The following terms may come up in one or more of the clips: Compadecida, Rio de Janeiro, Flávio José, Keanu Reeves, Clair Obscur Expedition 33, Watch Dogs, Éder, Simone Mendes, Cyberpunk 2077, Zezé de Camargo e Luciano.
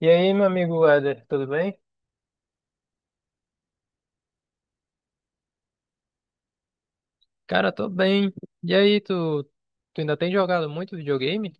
E aí, meu amigo Éder, tudo bem? Cara, tô bem. E aí, tu ainda tem jogado muito videogame?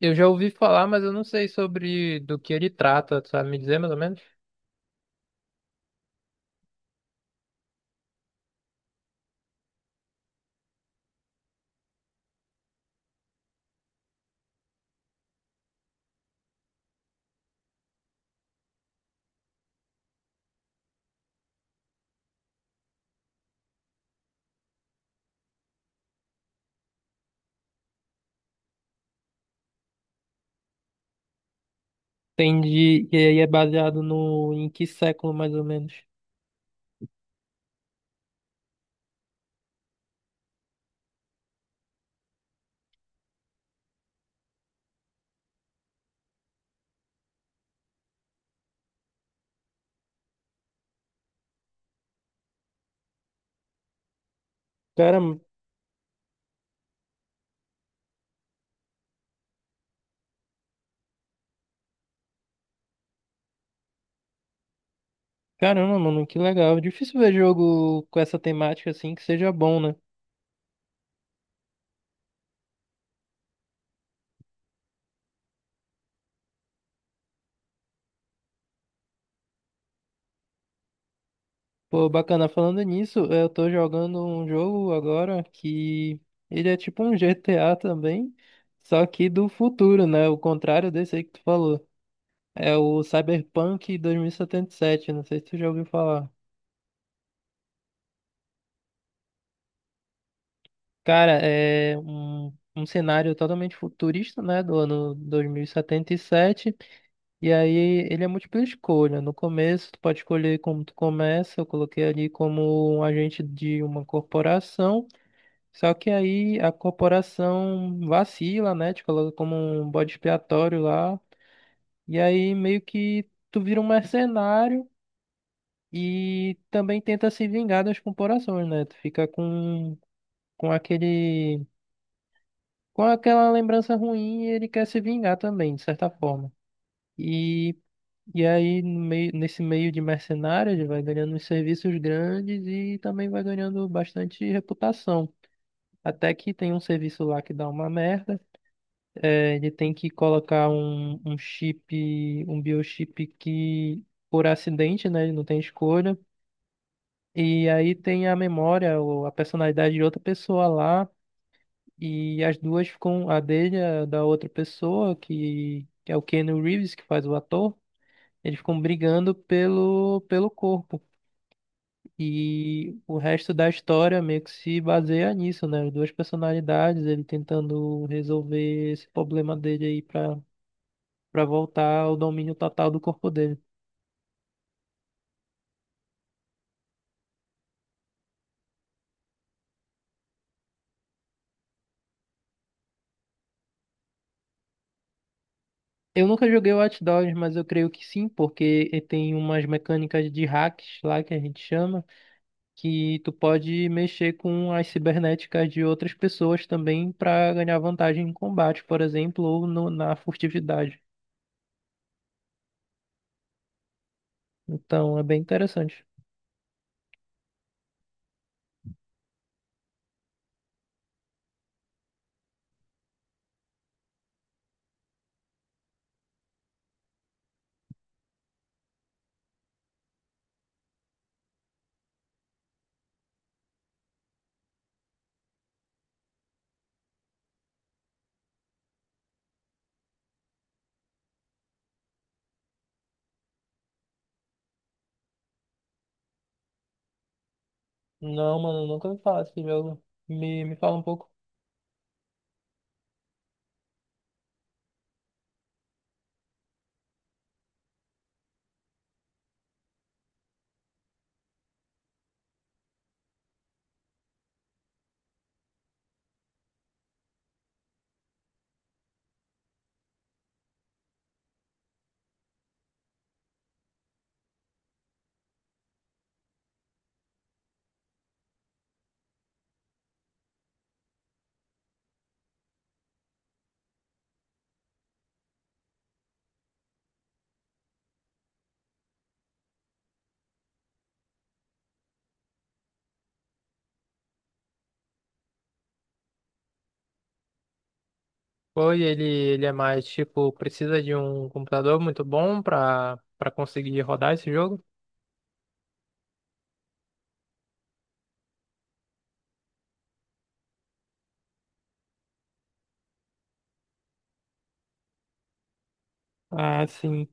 Eu já ouvi falar, mas eu não sei sobre do que ele trata, tu sabe me dizer mais ou menos? Entendi. E aí é baseado no em que século mais ou menos? Cara, caramba, mano, que legal. Difícil ver jogo com essa temática assim que seja bom, né? Pô, bacana, falando nisso, eu tô jogando um jogo agora que ele é tipo um GTA também, só que do futuro, né? O contrário desse aí que tu falou. É o Cyberpunk 2077, não sei se tu já ouviu falar. Cara, é um cenário totalmente futurista, né? Do ano 2077. E 77. E aí ele é múltipla escolha. No começo, tu pode escolher como tu começa. Eu coloquei ali como um agente de uma corporação. Só que aí a corporação vacila, né? Te coloca como um bode expiatório lá. E aí meio que tu vira um mercenário e também tenta se vingar das corporações, né? Tu fica com aquele, com aquela lembrança ruim e ele quer se vingar também, de certa forma. E, e aí no meio, nesse meio de mercenário ele vai ganhando uns serviços grandes e também vai ganhando bastante reputação. Até que tem um serviço lá que dá uma merda. É, ele tem que colocar um biochip que, por acidente, né, ele não tem escolha. E aí tem a memória ou a personalidade de outra pessoa lá. E as duas ficam, a dele, e a da outra pessoa, que é o Keanu Reeves, que faz o ator, eles ficam brigando pelo corpo. E o resto da história meio que se baseia nisso, né? As duas personalidades, ele tentando resolver esse problema dele aí pra voltar ao domínio total do corpo dele. Eu nunca joguei Watch Dogs, mas eu creio que sim, porque tem umas mecânicas de hacks lá que a gente chama, que tu pode mexer com as cibernéticas de outras pessoas também pra ganhar vantagem em combate, por exemplo, ou na furtividade. Então é bem interessante. Não, mano, eu nunca me fala desse jogo. Me fala um pouco. Ele é mais tipo, precisa de um computador muito bom pra conseguir rodar esse jogo? Ah, sim.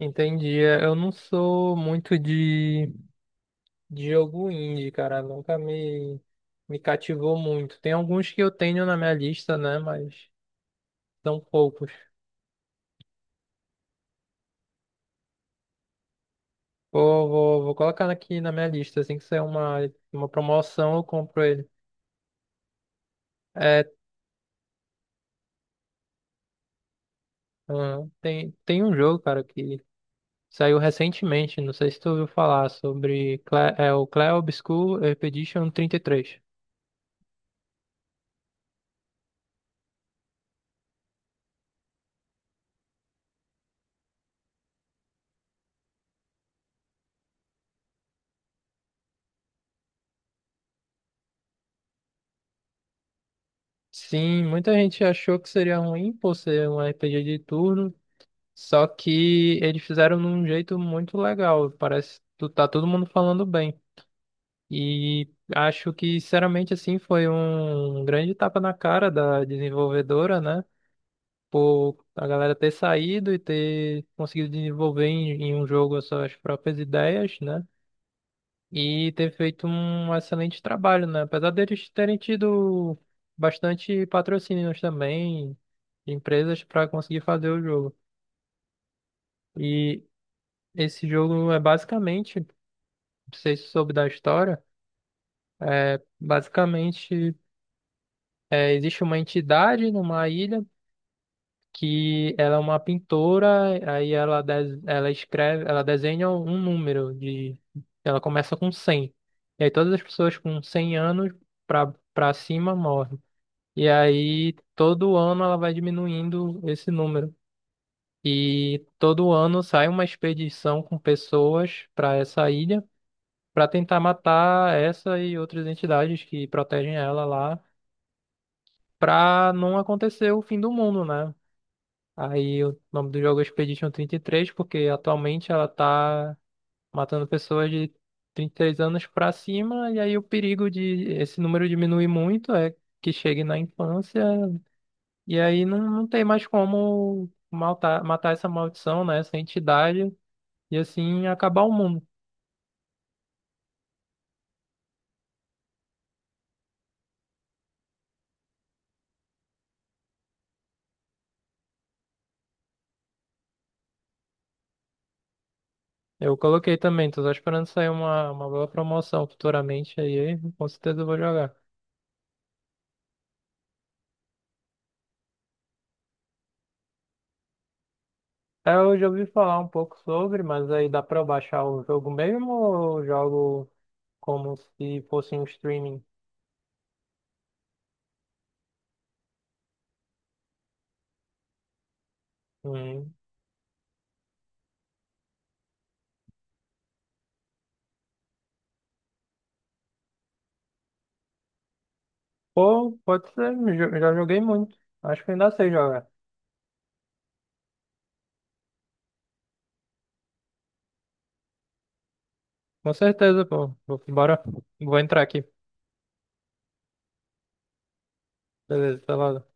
Entendi. É, eu não sou muito de jogo indie, cara. Nunca me cativou muito. Tem alguns que eu tenho na minha lista, né? Mas são poucos. Vou colocar aqui na minha lista. Assim que sair uma promoção, eu compro ele. É, tem um jogo, cara, que saiu recentemente. Não sei se tu ouviu falar sobre o Clair Obscur Expedition 33. Sim, muita gente achou que seria ruim por ser um RPG de turno. Só que eles fizeram de um jeito muito legal. Parece que tá todo mundo falando bem. E acho que, sinceramente, assim, foi um grande tapa na cara da desenvolvedora, né? Por a galera ter saído e ter conseguido desenvolver em um jogo as suas próprias ideias, né? E ter feito um excelente trabalho, né? Apesar deles terem tido bastante patrocínios também, de empresas para conseguir fazer o jogo. E esse jogo é basicamente, não sei se você soube da história, é basicamente é, existe uma entidade numa ilha que ela é uma pintora, aí ela, ela escreve, ela desenha um número de, ela começa com 100. E aí todas as pessoas com 100 anos pra para cima morrem. E aí todo ano ela vai diminuindo esse número. E todo ano sai uma expedição com pessoas para essa ilha para tentar matar essa e outras entidades que protegem ela lá, para não acontecer o fim do mundo, né? Aí o nome do jogo é Expedition 33, porque atualmente ela tá matando pessoas de 33 anos para cima, e aí o perigo de esse número diminuir muito é que chegue na infância, e aí não tem mais como matar, essa maldição, né? Essa entidade, e assim acabar o mundo. Eu coloquei também, tô só esperando sair uma boa promoção futuramente aí, com certeza eu vou jogar. É, eu já ouvi falar um pouco sobre, mas aí dá pra eu baixar o jogo mesmo ou eu jogo como se fosse um streaming? Hum. Pô, pode ser, já joguei muito. Acho que ainda sei jogar. Com certeza, pô. Bora, vou entrar aqui. Beleza, tá lá.